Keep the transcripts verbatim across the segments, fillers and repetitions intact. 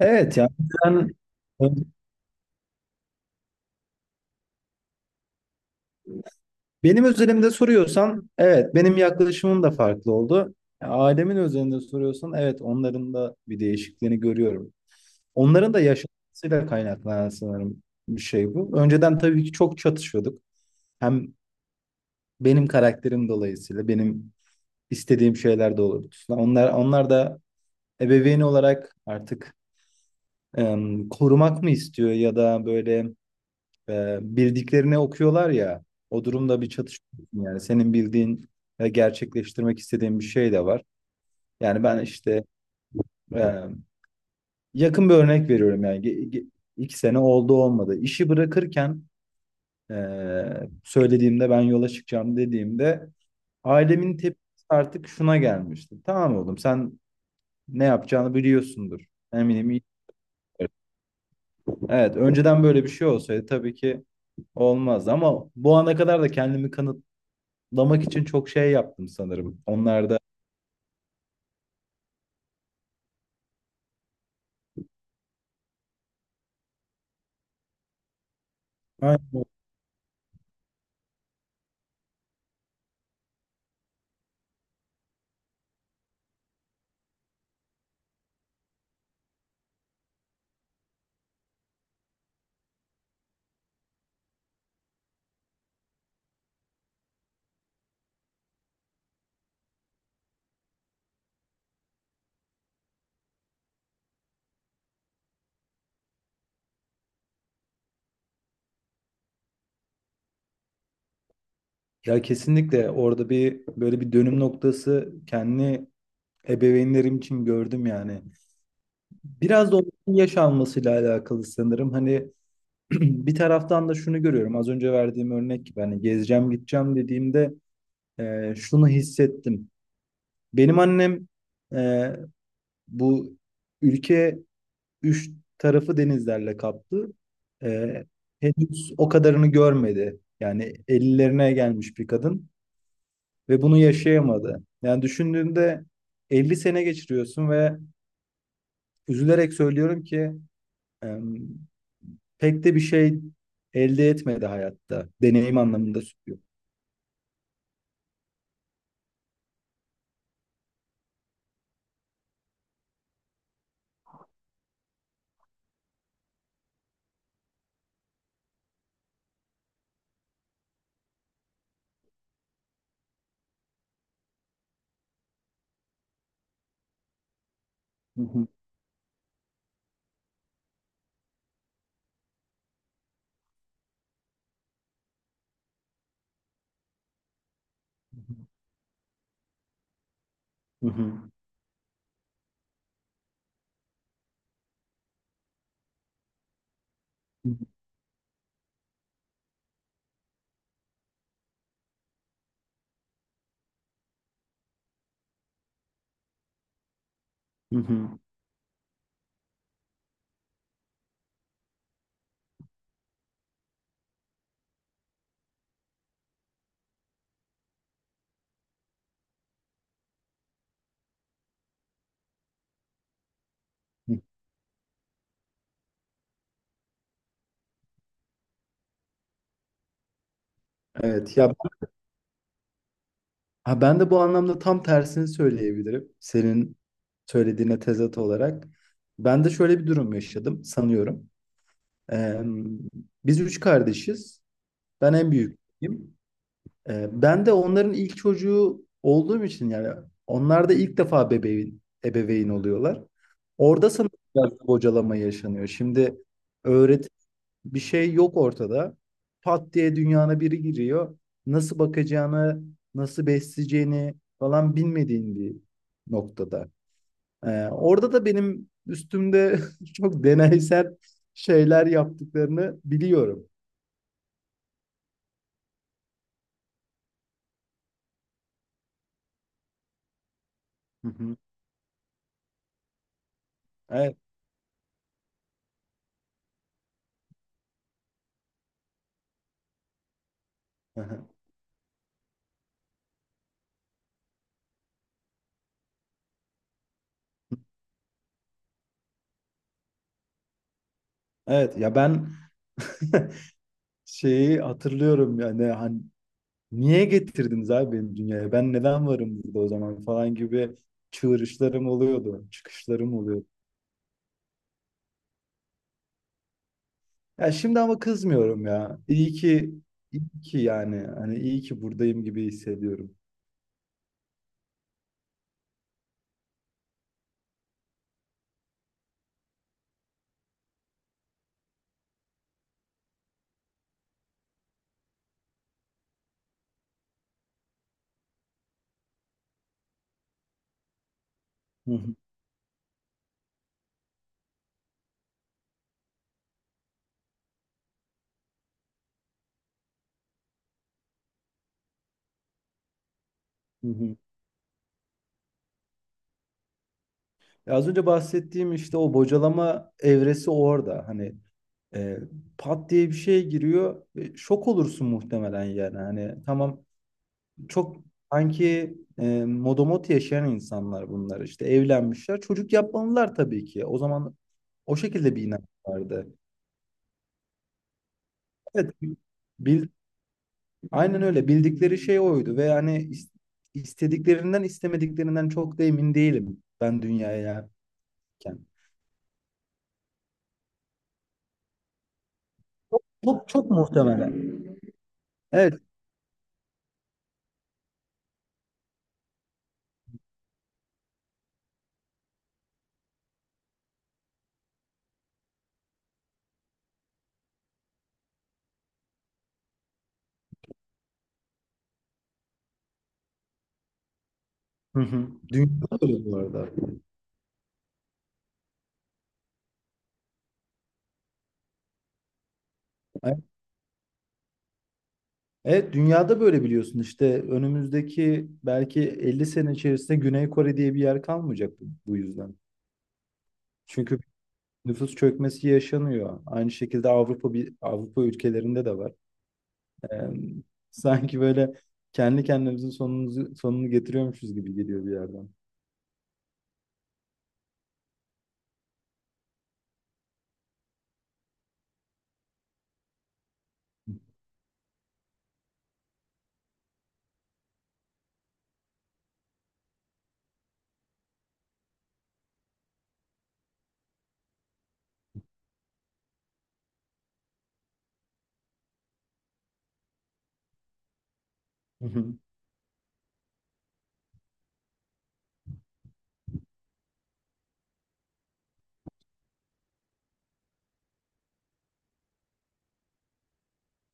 Evet ya. Ben, benim özelimde soruyorsan, evet, benim yaklaşımım da farklı oldu. E, Ailemin özelinde soruyorsan, evet, onların da bir değişikliğini görüyorum. Onların da yaşantısıyla kaynaklanan sanırım bir şey bu. Önceden tabii ki çok çatışıyorduk. Hem benim karakterim dolayısıyla benim istediğim şeyler de olurdu. Onlar onlar da ebeveyn olarak artık em, korumak mı istiyor, ya da böyle e, bildiklerini okuyorlar ya. O durumda bir çatışıyorsun yani. Senin bildiğin ve gerçekleştirmek istediğin bir şey de var. Yani ben işte e, yakın bir örnek veriyorum yani. Ge- ge- iki sene oldu olmadı. İşi bırakırken e, söylediğimde, ben yola çıkacağım dediğimde, ailemin tepkisi artık şuna gelmişti. Tamam oğlum, sen ne yapacağını biliyorsundur. Eminim. Evet, önceden böyle bir şey olsaydı tabii ki olmaz, ama bu ana kadar da kendimi kanıt lamak için çok şey yaptım sanırım. Onlar da. Aynen. Ya, kesinlikle orada bir böyle bir dönüm noktası kendi ebeveynlerim için gördüm yani. Biraz da onun yaş almasıyla alakalı sanırım. Hani bir taraftan da şunu görüyorum. Az önce verdiğim örnek gibi, hani gezeceğim gideceğim dediğimde, e, şunu hissettim. Benim annem, e, bu ülke üç tarafı denizlerle kaplı. Ee, Henüz o kadarını görmedi. Yani ellilerine gelmiş bir kadın ve bunu yaşayamadı. Yani düşündüğünde, elli sene geçiriyorsun ve üzülerek söylüyorum ki, em, pek de bir şey elde etmedi hayatta. Deneyim anlamında söylüyorum. Hı hı, hı hı, hı hı, hı hı. Evet ya. Ha, ben de bu anlamda tam tersini söyleyebilirim. Senin söylediğine tezat olarak. Ben de şöyle bir durum yaşadım sanıyorum. Ee, Biz üç kardeşiz. Ben en büyüğüm. Ee, ben de onların ilk çocuğu olduğum için, yani onlar da ilk defa bebeğin, ebeveyn oluyorlar. Orada sanırım biraz bocalama yaşanıyor. Şimdi öğret bir şey yok ortada. Pat diye dünyana biri giriyor. Nasıl bakacağını, nasıl besleyeceğini falan bilmediğin bir noktada. Ee, orada da benim üstümde çok deneysel şeyler yaptıklarını biliyorum. Hı hı. Evet. Hı hı. Evet ya, ben şeyi hatırlıyorum yani, hani niye getirdiniz abi beni dünyaya? Ben neden varım burada o zaman falan gibi çığırışlarım oluyordu, çıkışlarım oluyordu. Ya şimdi ama kızmıyorum ya. İyi ki, iyi ki yani. Hani iyi ki buradayım gibi hissediyorum. Hı hı, hı hı. Ya az önce bahsettiğim işte o bocalama evresi orada. Hani e, pat diye bir şey giriyor. E, şok olursun muhtemelen yani. Hani tamam, çok sanki e, modomot yaşayan insanlar bunlar işte, evlenmişler. Çocuk yapmalılar tabii ki. O zaman o şekilde bir inanç vardı. Evet. Bil- Aynen öyle. Bildikleri şey oydu ve hani is- istediklerinden istemediklerinden çok da emin değilim ben dünyaya yerken. Çok çok muhtemelen. Evet. Hı hı. Dünyada böyle bu arada. Evet, evet, dünyada böyle biliyorsun işte, önümüzdeki belki elli sene içerisinde Güney Kore diye bir yer kalmayacak bu bu yüzden. Çünkü nüfus çökmesi yaşanıyor. Aynı şekilde Avrupa bir Avrupa ülkelerinde de var. Ee, Sanki böyle kendi kendimizin sonumuzu, sonunu getiriyormuşuz gibi geliyor bir yerden. Hı hı.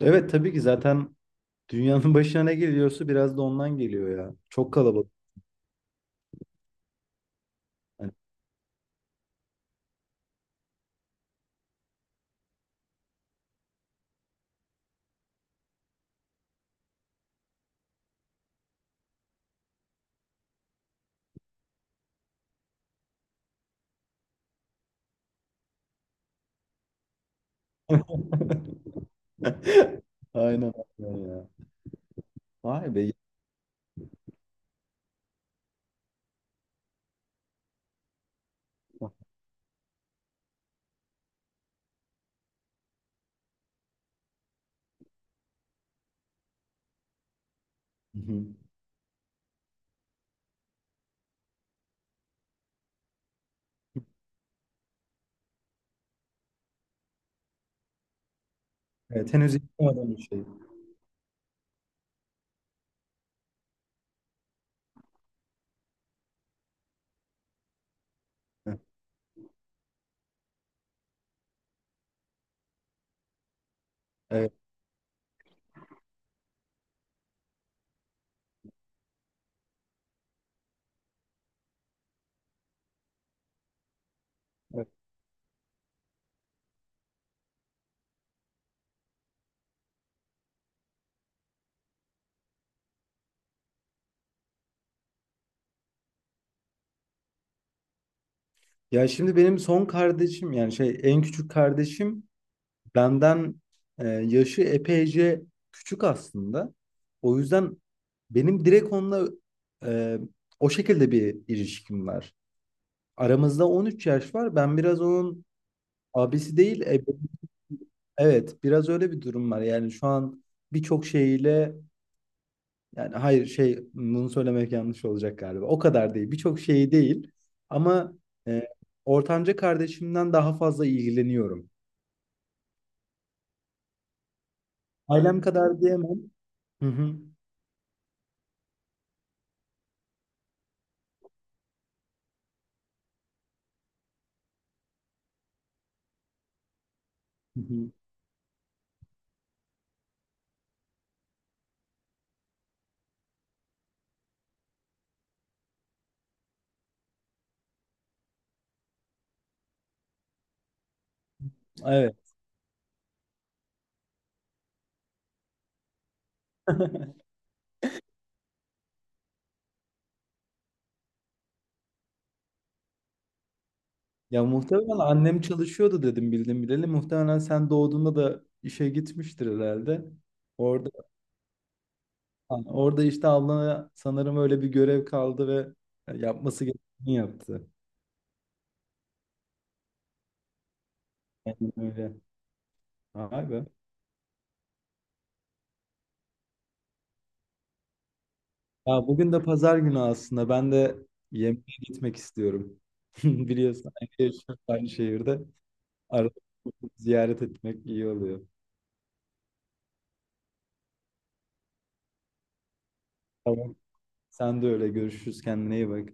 Evet, tabii ki zaten dünyanın başına ne geliyorsa biraz da ondan geliyor ya. Çok kalabalık. Yani. Aynen, aynen ya. Vay be. Hı hı. Evet, henüz yapmadım bir şey. Hı. Evet, evet. Ya şimdi benim son kardeşim, yani şey en küçük kardeşim, benden e, yaşı epeyce küçük aslında. O yüzden benim direkt onunla e, o şekilde bir ilişkim var. Aramızda on üç yaş var. Ben biraz onun abisi değil, e, evet, biraz öyle bir durum var. Yani şu an birçok şeyiyle, yani hayır şey bunu söylemek yanlış olacak galiba. O kadar değil. Birçok şeyi değil ama e, ortanca kardeşimden daha fazla ilgileniyorum. Ailem kadar diyemem. Hı hı. Hı hı. Evet. Ya muhtemelen annem çalışıyordu, dedim bildim bileli. Muhtemelen sen doğduğunda da işe gitmiştir herhalde. Orada Hani orada işte ablana sanırım öyle bir görev kaldı ve e, yapması gerekeni yaptı. Aynen öyle. Vay be. Ya bugün de pazar günü aslında. Ben de yemeğe gitmek istiyorum. Biliyorsun aynı yaşıyoruz, aynı şehirde. Arada ziyaret etmek iyi oluyor. Tamam. Sen de öyle. Görüşürüz. Kendine iyi bak.